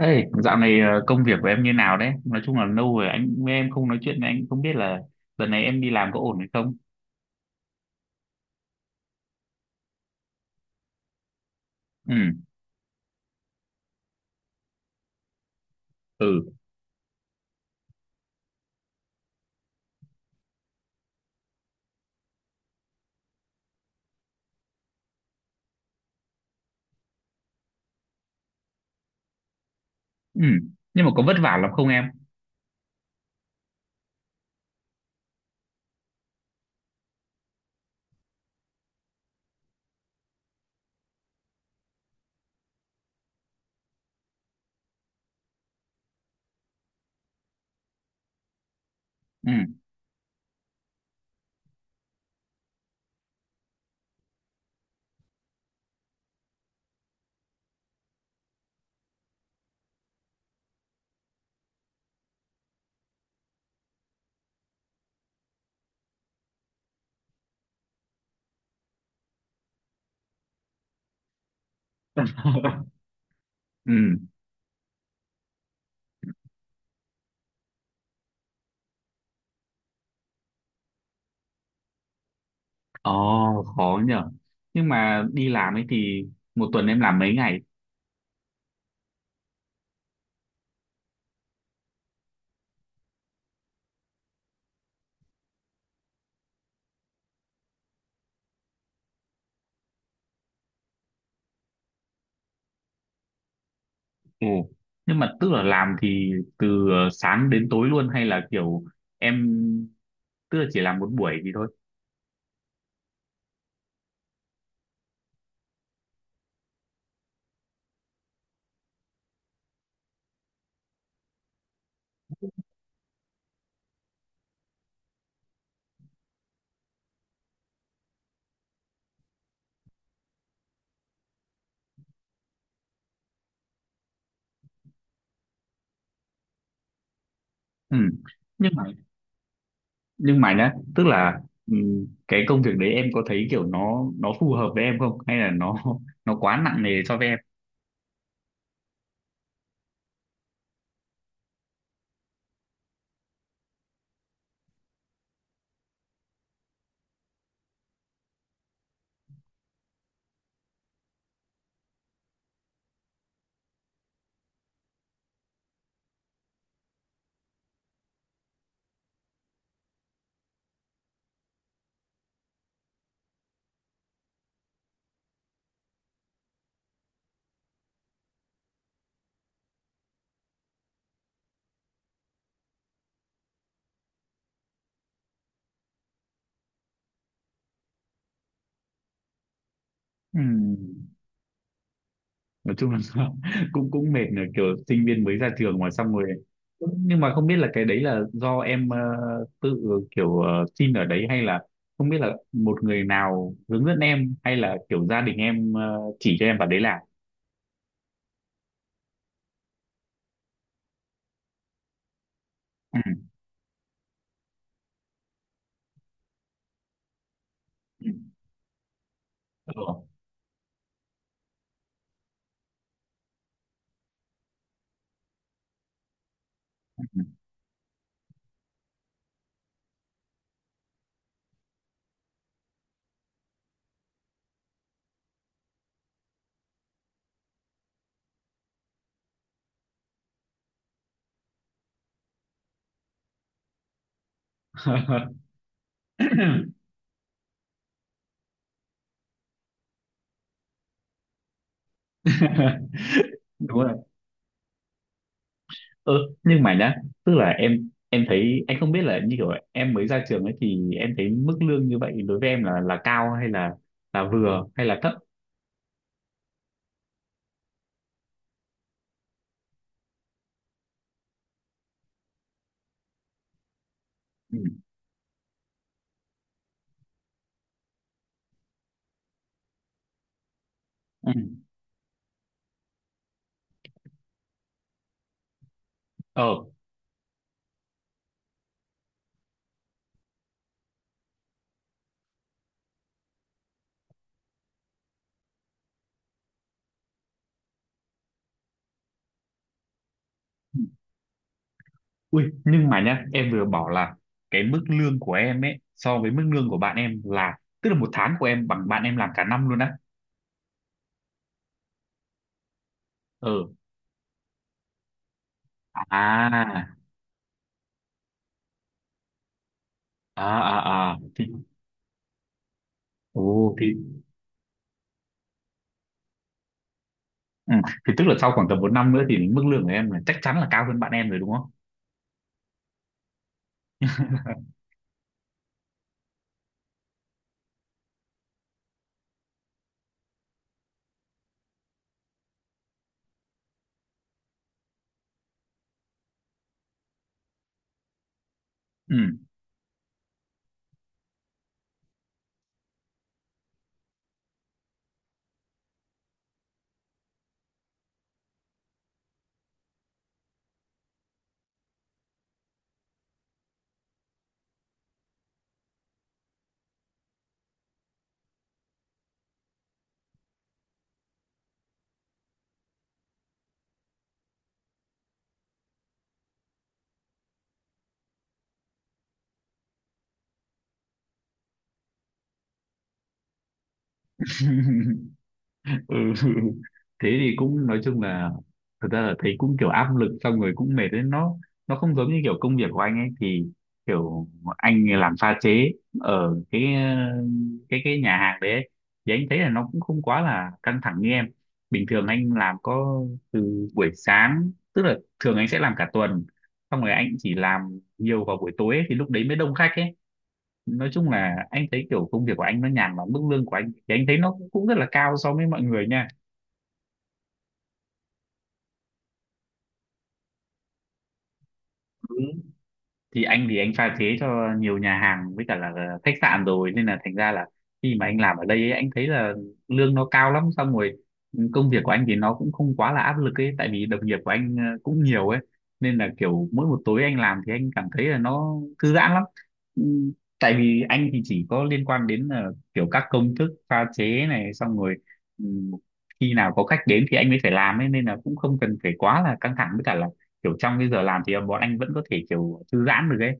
Ê, dạo này công việc của em như nào đấy? Nói chung là lâu rồi anh với em không nói chuyện, với anh cũng không biết là lần này em đi làm có ổn hay không? Ừ, ừ, ừ. Nhưng mà có vất vả lắm không em? Ừ. Ừ. Ồ, khó nhở. Nhưng mà đi làm ấy thì một tuần em làm mấy ngày? Ồ. Nhưng mà tức là làm thì từ sáng đến tối luôn hay là kiểu em, tức là chỉ làm một buổi thì thôi? Ừ. Nhưng mà nhưng mà nhá, tức là cái công việc đấy em có thấy kiểu nó phù hợp với em không, hay là nó quá nặng nề cho với em? Ừm, nói chung là cũng cũng mệt nữa, kiểu sinh viên mới ra trường mà, xong rồi nhưng mà không biết là cái đấy là do em tự kiểu xin ở đấy, hay là không biết là một người nào hướng dẫn em, hay là kiểu gia đình em chỉ cho em vào đấy làm? Ừm, ừm, ừ. Đúng rồi. Ừ, nhưng mà nhá, tức là em thấy, anh không biết là như kiểu em mới ra trường ấy, thì em thấy mức lương như vậy đối với em là cao, hay là vừa, hay là thấp? Ừ. Ừ. Ờ, ui nhưng mà nhá, em vừa bảo là cái mức lương của em ấy so với mức lương của bạn em, là tức là một tháng của em bằng bạn em làm cả năm luôn á. Ừ. À, à, à, à thì ồ thì ừ. Thì tức là sau khoảng tầm một năm nữa thì mức lương của em là chắc chắn là cao hơn bạn em rồi đúng không? Ừ. Ừ. Thế thì cũng nói chung là thật ra là thấy cũng kiểu áp lực, xong rồi cũng mệt đấy. Nó không giống như kiểu công việc của anh ấy thì kiểu anh làm pha chế ở cái nhà hàng đấy ấy. Thì anh thấy là nó cũng không quá là căng thẳng như em. Bình thường anh làm có từ buổi sáng, tức là thường anh sẽ làm cả tuần, xong rồi anh chỉ làm nhiều vào buổi tối ấy, thì lúc đấy mới đông khách ấy. Nói chung là anh thấy kiểu công việc của anh nó nhàn lắm, mức lương của anh thì anh thấy nó cũng rất là cao so với mọi người nha. Ừ. Thì anh pha chế cho nhiều nhà hàng với cả là khách sạn rồi, nên là thành ra là khi mà anh làm ở đây ấy, anh thấy là lương nó cao lắm, xong rồi công việc của anh thì nó cũng không quá là áp lực ấy, tại vì đồng nghiệp của anh cũng nhiều ấy, nên là kiểu mỗi một tối anh làm thì anh cảm thấy là nó thư giãn lắm. Ừ, tại vì anh thì chỉ có liên quan đến là kiểu các công thức pha chế này, xong rồi ừ, khi nào có khách đến thì anh mới phải làm ấy, nên là cũng không cần phải quá là căng thẳng, với cả là kiểu trong cái giờ làm thì bọn anh vẫn có thể kiểu thư giãn được ấy.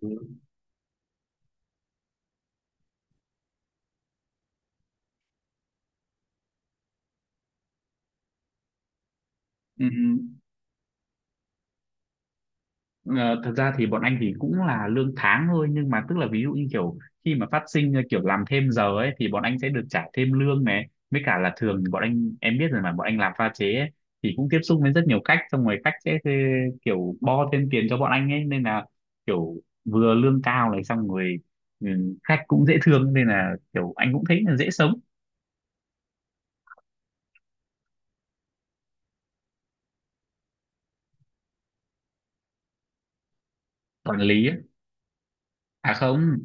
Ừ. Ờ, thật ra thì bọn anh thì cũng là lương tháng thôi, nhưng mà tức là ví dụ như kiểu khi mà phát sinh kiểu làm thêm giờ ấy, thì bọn anh sẽ được trả thêm lương này, với cả là thường thì bọn anh, em biết rồi mà, bọn anh làm pha chế ấy, thì cũng tiếp xúc với rất nhiều khách, xong rồi khách sẽ thuê- kiểu bo thêm tiền cho bọn anh ấy, nên là kiểu vừa lương cao này xong rồi khách cũng dễ thương, nên là kiểu anh cũng thấy là dễ sống. Quản lý ấy. À không,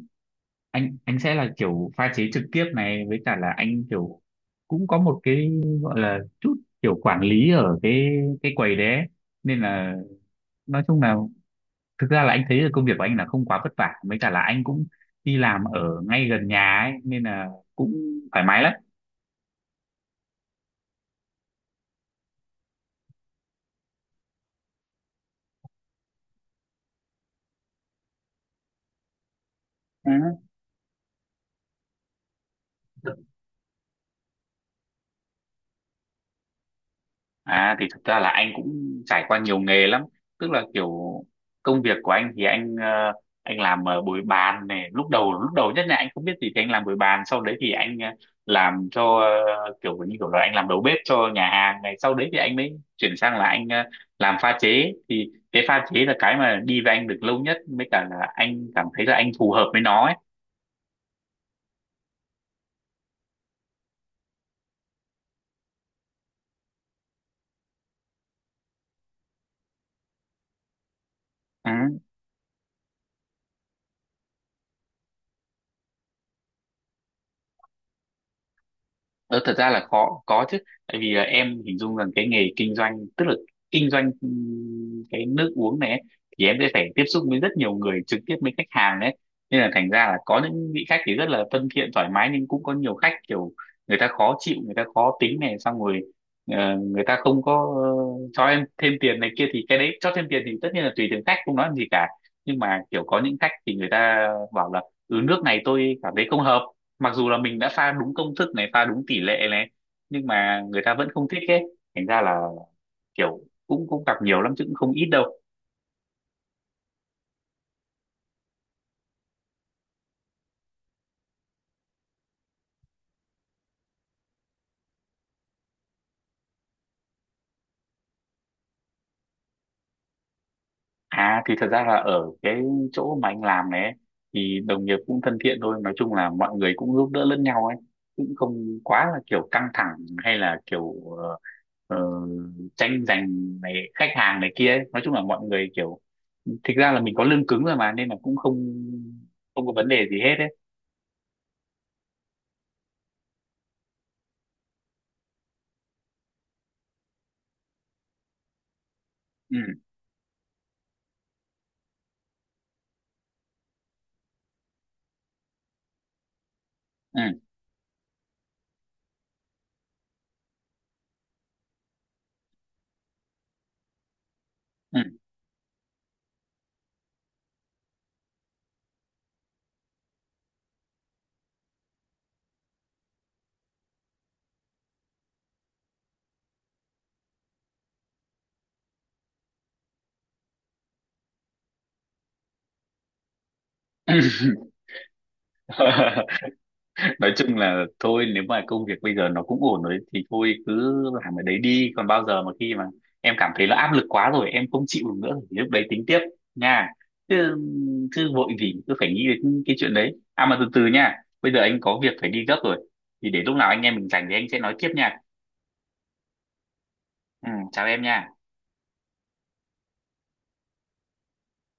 anh sẽ là kiểu pha chế trực tiếp này, với cả là anh kiểu cũng có một cái gọi là chút kiểu quản lý ở cái quầy đấy ấy. Nên là nói chung là thực ra là anh thấy là công việc của anh là không quá vất vả, với cả là anh cũng đi làm ở ngay gần nhà ấy, nên là cũng thoải mái lắm. Ừ. À thì thực ra là anh cũng trải qua nhiều nghề lắm, tức là kiểu công việc của anh thì anh anh làm bồi bàn này, lúc đầu nhất là anh không biết gì thì anh làm bồi bàn, sau đấy thì anh làm cho kiểu như kiểu là anh làm đầu bếp cho nhà hàng này, sau đấy thì anh mới chuyển sang là anh làm pha chế, thì cái pha chế là cái mà đi với anh được lâu nhất, mới cả là anh cảm thấy là anh phù hợp với nó ấy. Ừ. Đó, thật ra là khó có chứ, tại vì là em hình dung rằng cái nghề kinh doanh, tức là kinh doanh cái nước uống này ấy, thì em sẽ phải tiếp xúc với rất nhiều người, trực tiếp với khách hàng đấy, nên là thành ra là có những vị khách thì rất là thân thiện thoải mái, nhưng cũng có nhiều khách kiểu người ta khó chịu, người ta khó tính này, xong rồi người ta không có cho em thêm tiền này kia, thì cái đấy cho thêm tiền thì tất nhiên là tùy từng khách, không nói làm gì cả. Nhưng mà kiểu có những khách thì người ta bảo là ừ nước này tôi cảm thấy không hợp, mặc dù là mình đã pha đúng công thức này, pha đúng tỷ lệ này, nhưng mà người ta vẫn không thích ấy. Thành ra là kiểu cũng cũng gặp nhiều lắm chứ, cũng không ít đâu. À thì thật ra là ở cái chỗ mà anh làm này ấy, thì đồng nghiệp cũng thân thiện thôi, nói chung là mọi người cũng giúp đỡ lẫn nhau ấy, cũng không quá là kiểu căng thẳng, hay là kiểu ờ, tranh giành này khách hàng này kia ấy. Nói chung là mọi người kiểu thực ra là mình có lương cứng rồi mà, nên là cũng không không có vấn đề gì hết ấy. Ừ, ừ, ừ. Nói chung là thôi, nếu mà công việc bây giờ nó cũng ổn rồi thì thôi cứ làm ở đấy đi, còn bao giờ mà khi mà em cảm thấy là áp lực quá rồi, em không chịu được nữa, thì lúc đấy tính tiếp nha. Chứ, chứ vội gì cứ phải nghĩ đến cái chuyện đấy, à mà từ từ nha. Bây giờ anh có việc phải đi gấp rồi, thì để lúc nào anh em mình rảnh thì anh sẽ nói tiếp nha. Ừ, chào em nha.